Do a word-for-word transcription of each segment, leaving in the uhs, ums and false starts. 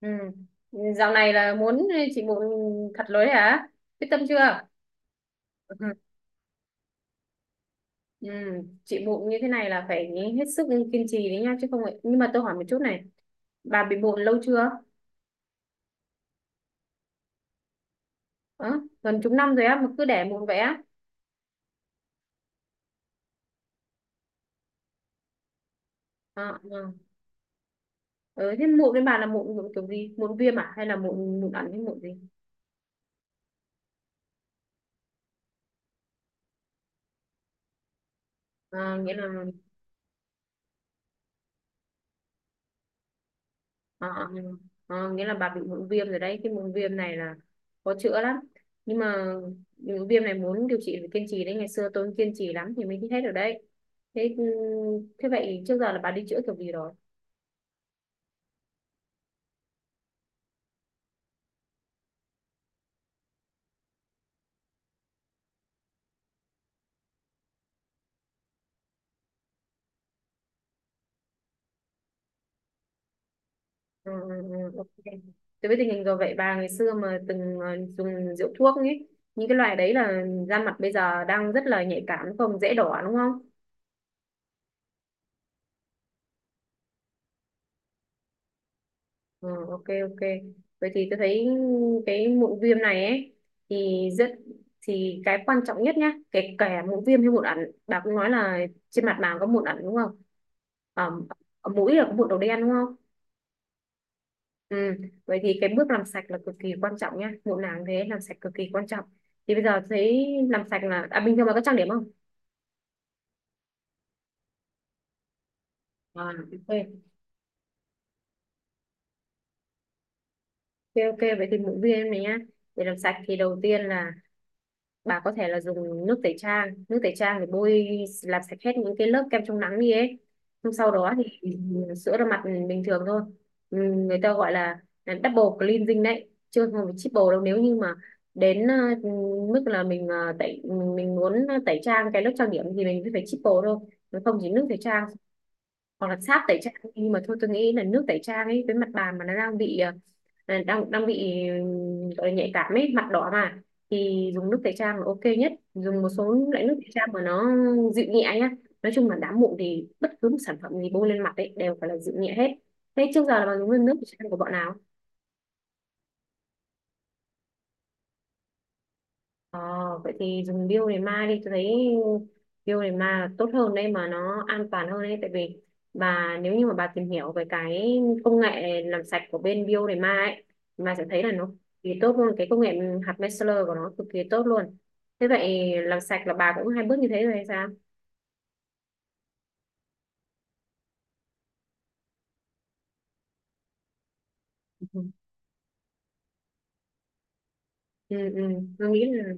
Ừ. Dạo này là muốn chị mụn thật lối hả? Quyết tâm chưa? Ừ. Ừ. Chị mụn như thế này là phải hết sức kiên trì đấy nha chứ không vậy. Nhưng mà tôi hỏi một chút này, bà bị mụn lâu chưa? Ờ, gần chục năm rồi á mà cứ để mụn vậy á? Ờ, ờ. Ừ, thế mụn với bà là mụn, mụn kiểu gì? Mụn viêm à? Hay là mụn mụn ẩn hay mụn gì? Ờ, nghĩa là Ờ, ờ, nghĩa là bà bị mụn viêm rồi đấy. Cái mụn viêm này là khó chữa lắm nhưng mà mụn viêm này muốn điều trị phải kiên trì đấy. Ngày xưa tôi cũng kiên trì lắm thì mới hết được đấy. Thế ừ, thế vậy trước giờ là bà đi chữa kiểu gì rồi? Ừ, ừ, ừ, ok. Tôi biết tình hình rồi. Vậy bà ngày xưa mà từng ờ, dùng rượu thuốc ấy, những cái loại đấy là da mặt bây giờ đang rất là nhạy cảm đúng không? Dễ đỏ đúng không? Ừ, ok ok. Vậy thì tôi thấy cái mụn viêm này ấy thì rất thì cái quan trọng nhất nhá, kể cả mụn viêm hay mụn ẩn bà cũng nói là trên mặt bà có mụn ẩn đúng không? Ở, ở mũi là có mụn đầu đen đúng không? Ừ. Vậy thì cái bước làm sạch là cực kỳ quan trọng nhá, mụn nào cũng thế, làm sạch cực kỳ quan trọng. Thì bây giờ thấy làm sạch là à, bình thường bà có trang điểm không? À, ok ok ok. Vậy thì mụn viêm này nhá, để làm sạch thì đầu tiên là bà có thể là dùng nước tẩy trang, nước tẩy trang để bôi làm sạch hết những cái lớp kem chống nắng đi ấy, xong sau đó thì sữa rửa mặt bình thường thôi. Ừ, người ta gọi là là double cleansing đấy chưa, không phải triple đâu, nếu như mà đến ờ, mức là mình ờ, tẩy mình, mình muốn tẩy trang cái lớp trang điểm thì mình phải triple thôi. Nó không chỉ nước tẩy trang hoặc là sáp tẩy trang nhưng mà thôi tôi nghĩ là nước tẩy trang ấy với mặt bàn mà nó đang bị ờ, à, đang đang bị gọi là nhạy cảm ấy, mặt đỏ mà thì dùng nước tẩy trang là ok nhất. Dùng một số loại nước tẩy trang mà nó dịu nhẹ nhá. Nói chung là đám mụn thì bất cứ một sản phẩm gì bôi lên mặt ấy đều phải là dịu nhẹ hết. Thế trước giờ là bạn dùng nước tẩy trang của bọn nào? Ờ, vậy thì dùng biêu để ma đi, tôi thấy biêu để ma tốt hơn đấy mà nó an toàn hơn đấy, tại vì bà nếu như mà bà tìm hiểu về cái công nghệ làm sạch của bên biêu để ma ấy, bà sẽ thấy là nó cực kỳ tốt luôn. Cái công nghệ hạt micellar của nó cực kỳ tốt luôn. Thế vậy làm sạch là bà cũng hai bước như thế rồi hay sao? Ừ. Ừ, ừ. Tôi nghĩ là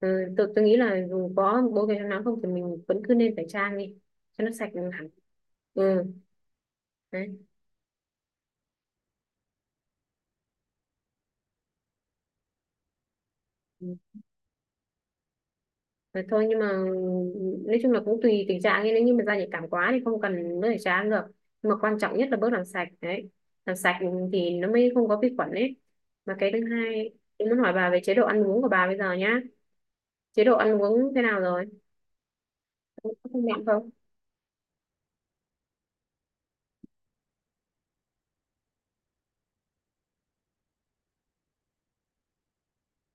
ừ, tôi, tôi nghĩ là dù có bố cái nắng không thì mình vẫn cứ nên phải trang đi cho nó sạch hẳn. Ừ, đấy. Thế thôi nhưng mà nói chung là cũng tùy tình trạng ấy. Nếu như mà da nhạy cảm quá thì không cần nước tẩy trắng được, nhưng mà quan trọng nhất là bước làm sạch đấy. Làm sạch thì nó mới không có vi khuẩn ấy. Mà cái thứ hai, em muốn hỏi bà về chế độ ăn uống của bà bây giờ nhá. Chế độ ăn uống thế nào rồi, có không mặn không?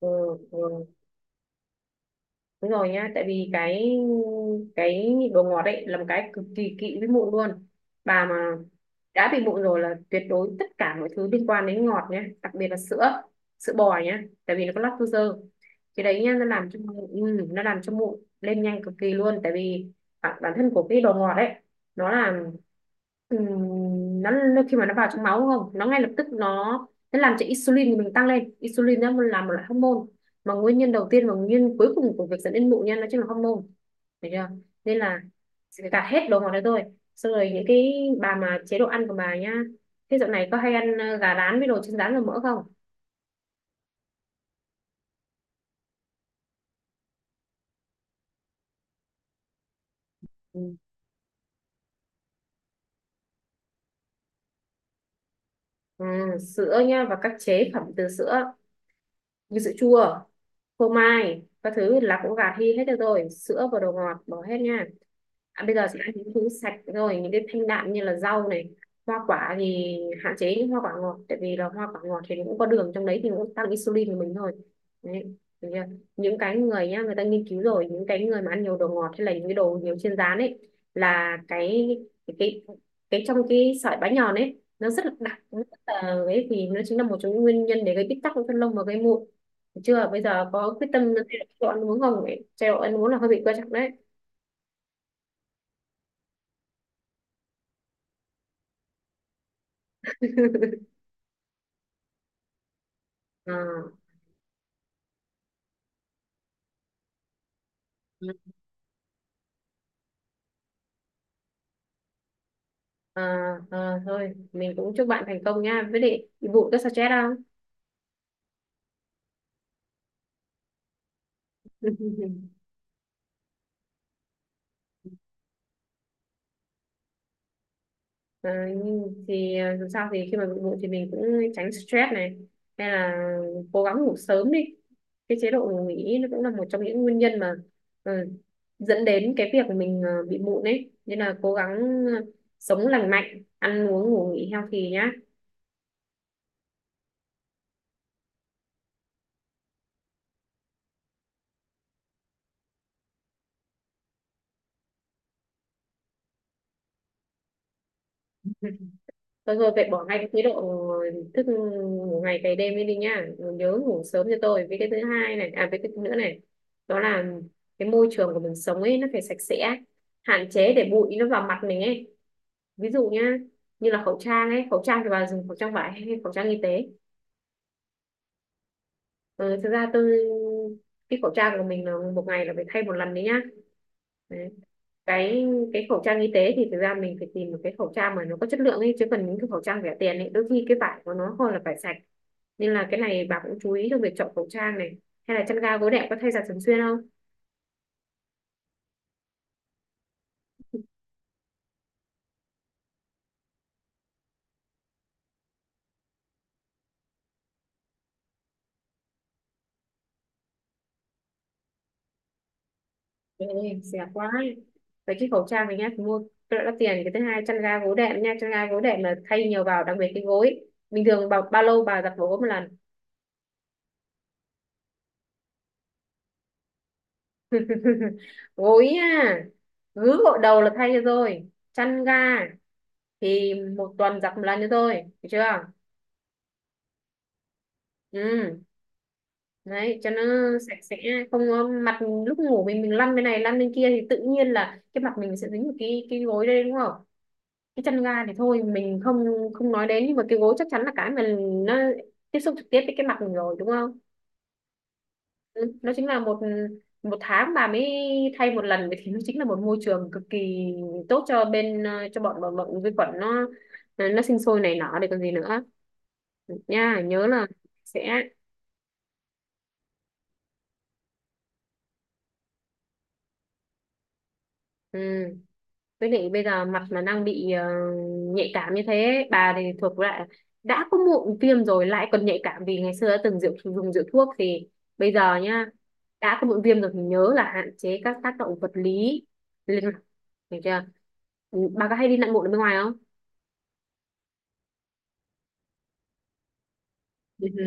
Ừ, ừ. Đúng rồi nhá, tại vì cái cái nhịn đồ ngọt ấy là một cái cực kỳ kỵ với mụn luôn. Bà mà đã bị mụn rồi là tuyệt đối tất cả mọi thứ liên quan đến ngọt nhé, đặc biệt là sữa, sữa bò nhé, tại vì nó có lactose. Cái đấy nhá nó làm cho mụn ừ, nó làm cho mụn lên nhanh cực kỳ luôn, tại vì bản, bản thân của cái đồ ngọt ấy nó là ừm, nó, nó khi mà nó vào trong máu đúng không, nó ngay lập tức nó nó làm cho insulin của mình tăng lên. Insulin nó là một loại hormone mà nguyên nhân đầu tiên và nguyên nhân cuối cùng của việc dẫn đến mụn nha, nó chính là hormone. Được chưa? Nên là sẽ gạt hết đồ ngọt đấy thôi. Xong rồi những cái bà mà chế độ ăn của bà nhá, thế dạo này có hay ăn ờ, gà rán với đồ chiên rán và mỡ không? Ừ. ừ, sữa nha và các chế phẩm từ sữa như sữa chua phô mai các thứ là cũng gạt đi hết được rồi, sữa và đồ ngọt bỏ hết nha. À, bây giờ sẽ ăn những thứ sạch rồi, những cái thanh đạm như là rau này, hoa quả thì hạn chế những hoa quả ngọt, tại vì là hoa quả ngọt thì nó cũng có đường trong đấy thì nó cũng tăng insulin của mình thôi. Đấy, được chưa? Những cái người nhá, người ta nghiên cứu rồi, những cái người mà ăn nhiều đồ ngọt hay là những cái đồ nhiều chiên rán ấy, là cái cái cái, cái trong cái sợi bánh nhòn ấy nó rất là đặc, nó rất là ấy thì nó chính là một trong những nguyên nhân để gây bít tắc của phân lông và gây mụn. Thấy chưa, bây giờ có quyết tâm chế độ ăn uống không ấy, chế độ ăn uống là hơi bị quan trọng đấy. à, à, à, thôi mình cũng chúc bạn thành công nha, với lại vụ rất stress không? à, nhưng thì à, dù sao thì khi mà bị bụng thì mình cũng tránh stress này hay là cố gắng ngủ sớm đi. Cái chế độ ngủ nghỉ nó cũng là một trong những nguyên nhân mà ờ, dẫn đến cái việc mình ờ, bị mụn ấy nên là cố gắng ờ, sống lành mạnh, ăn uống ngủ nghỉ healthy nhá. Thôi thôi vậy bỏ ngay cái chế độ thức ngủ ngày cày đêm đi đi nhá, nhớ ngủ sớm cho tôi. Với cái thứ hai này, à với cái thứ nữa này, đó là cái môi trường của mình sống ấy, nó phải sạch sẽ. Hạn chế để bụi nó vào mặt mình ấy. Ví dụ nhá, như là khẩu trang ấy. Khẩu trang thì bà dùng khẩu trang vải hay khẩu trang y tế? Ờ, thực ra tôi cái khẩu trang của mình là một ngày là phải thay một lần đấy nhá, đấy. cái cái khẩu trang y tế thì thực ra mình phải tìm một cái khẩu trang mà nó có chất lượng ấy, chứ còn những cái khẩu trang rẻ tiền ấy đôi khi cái vải của nó không là vải sạch, nên là cái này bà cũng chú ý trong việc chọn khẩu trang này, hay là chăn ga gối đệm có thay giặt thường xuyên không? Trời ơi, rẻ quá ấy. Vậy cái khẩu trang này nhá, mua cái đó đắt tiền. Cái thứ hai, chăn ga gối đệm nha, chăn ga gối đệm là thay nhiều vào, đặc biệt cái gối. Bình thường bao, bao lâu bà giặt gối một lần? Gối à? Gứ gội đầu là thay cho rồi. Chăn ga thì một tuần giặt một lần cho rồi. Được chưa? Ừ, đấy cho nó sạch sẽ không có mặt. Lúc ngủ mình mình lăn bên này lăn bên kia thì tự nhiên là cái mặt mình sẽ dính vào cái cái gối đây đúng không? Cái chăn ga thì thôi mình không không nói đến, nhưng mà cái gối chắc chắn là cái mà nó tiếp xúc trực tiếp với cái mặt mình rồi đúng không? Ừ, nó chính là một một tháng bà mới thay một lần, vậy thì nó chính là một môi trường cực kỳ tốt cho bên ờ, cho bọn bọn, bọn vi khuẩn nó nó sinh sôi nảy nở để còn gì nữa. Nha, nhớ là sẽ. Ừ. Với lại bây giờ mặt mà đang bị ờ, nhạy cảm như thế bà thì thuộc lại, đã có mụn viêm rồi lại còn nhạy cảm, vì ngày xưa đã từng rượu dùng rượu thuốc thì bây giờ nha đã có mụn viêm rồi thì nhớ là hạn chế các tác động vật lý lên mặt, hiểu chưa? Ừ, bà có hay đi lặn lộn ở bên ngoài không? Ừ, ừ,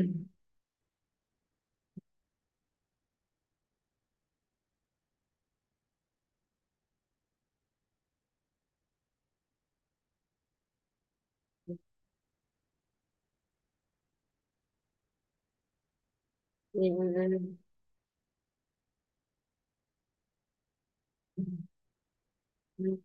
ừ, ừ, ừ.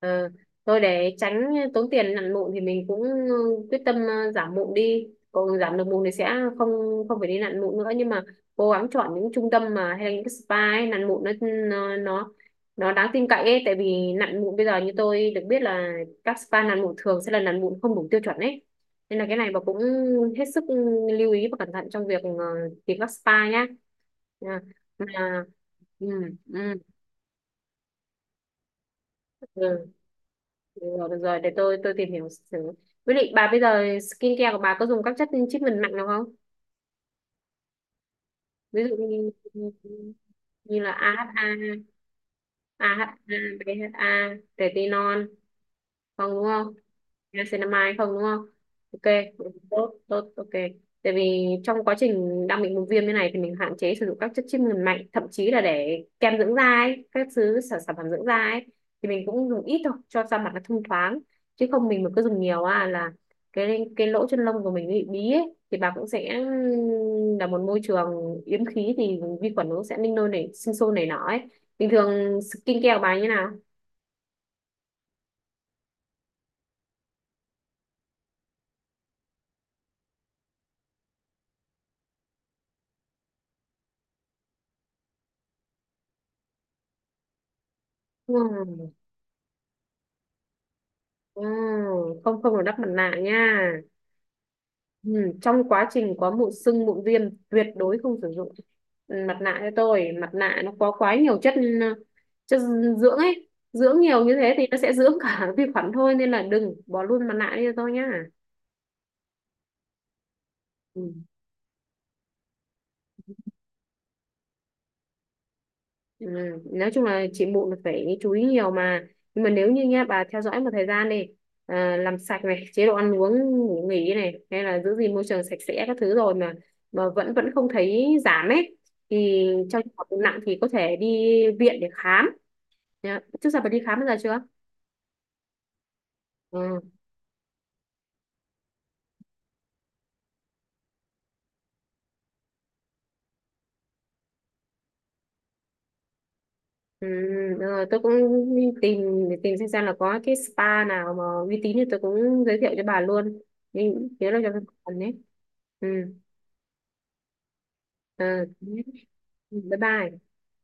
Ờ, thôi để tránh tốn tiền nặn mụn thì mình cũng ờ, quyết tâm ờ, giảm mụn đi, còn giảm được mụn thì sẽ không không phải đi nặn mụn nữa, nhưng mà cố gắng chọn những trung tâm mà hay là những cái spa ấy, nặn mụn nó nó nó nó đáng tin cậy ấy, tại vì nặn mụn bây giờ như tôi được biết là các spa nặn mụn thường sẽ là nặn mụn không đủ tiêu chuẩn ấy, nên là cái này bà cũng hết sức lưu ý và cẩn thận trong việc ờ, tìm các spa nhá. À, mà ừ, ừ, ừ. Được rồi, được rồi, để tôi tôi tìm hiểu thử. Với lại bà bây giờ skincare của bà có dùng các chất treatment mạnh nào không? Ví dụ như như là a hát a, a hát a, bê hát a, retinol, không đúng không? Ra cinema hay không đúng không? Ok, tốt tốt ok. Tại vì trong quá trình đang bị vùng viêm như này thì mình hạn chế sử dụng các chất chiết mùi mạnh, thậm chí là để kem dưỡng da ấy, các thứ sản sản phẩm dưỡng da ấy thì mình cũng dùng ít thôi cho da mặt nó thông thoáng, chứ không mình mà cứ dùng nhiều à là cái cái lỗ chân lông của mình nó bị bí ấy thì bà cũng sẽ là một môi trường yếm khí thì vi khuẩn nó sẽ ninh nôi nảy sinh sôi nảy nọ ấy. Bình thường skin care của bà như nào? Ừ. Ừ, không không được đắp mặt nạ nha. Ừ, trong quá trình có mụn sưng mụn viêm tuyệt đối không sử dụng. Ừ, mặt nạ cho tôi, mặt nạ nó có quá nhiều chất ờ, chất dưỡng ấy, dưỡng nhiều như thế thì nó sẽ dưỡng cả vi khuẩn thôi, nên là đừng bỏ luôn mặt nạ đi cho tôi nhá. Ừ. Ừ. Nói chung là chị mụn phải chú ý nhiều mà, nhưng mà nếu như nha bà theo dõi một thời gian đi, à, làm sạch này chế độ ăn uống ngủ nghỉ này hay là giữ gìn môi trường sạch sẽ các thứ rồi mà mà vẫn vẫn không thấy giảm ấy thì trong trường hợp nặng thì có thể đi viện để khám. Nhá, trước giờ bà đi khám bao giờ chưa? Ừ. Ừ. Rồi, tôi cũng tìm tìm xem xem là có cái spa nào mà uy tín thì tôi cũng giới thiệu cho bà luôn, nhưng nhớ là cho bà ấy. Ừ. Ờ, Bye bye.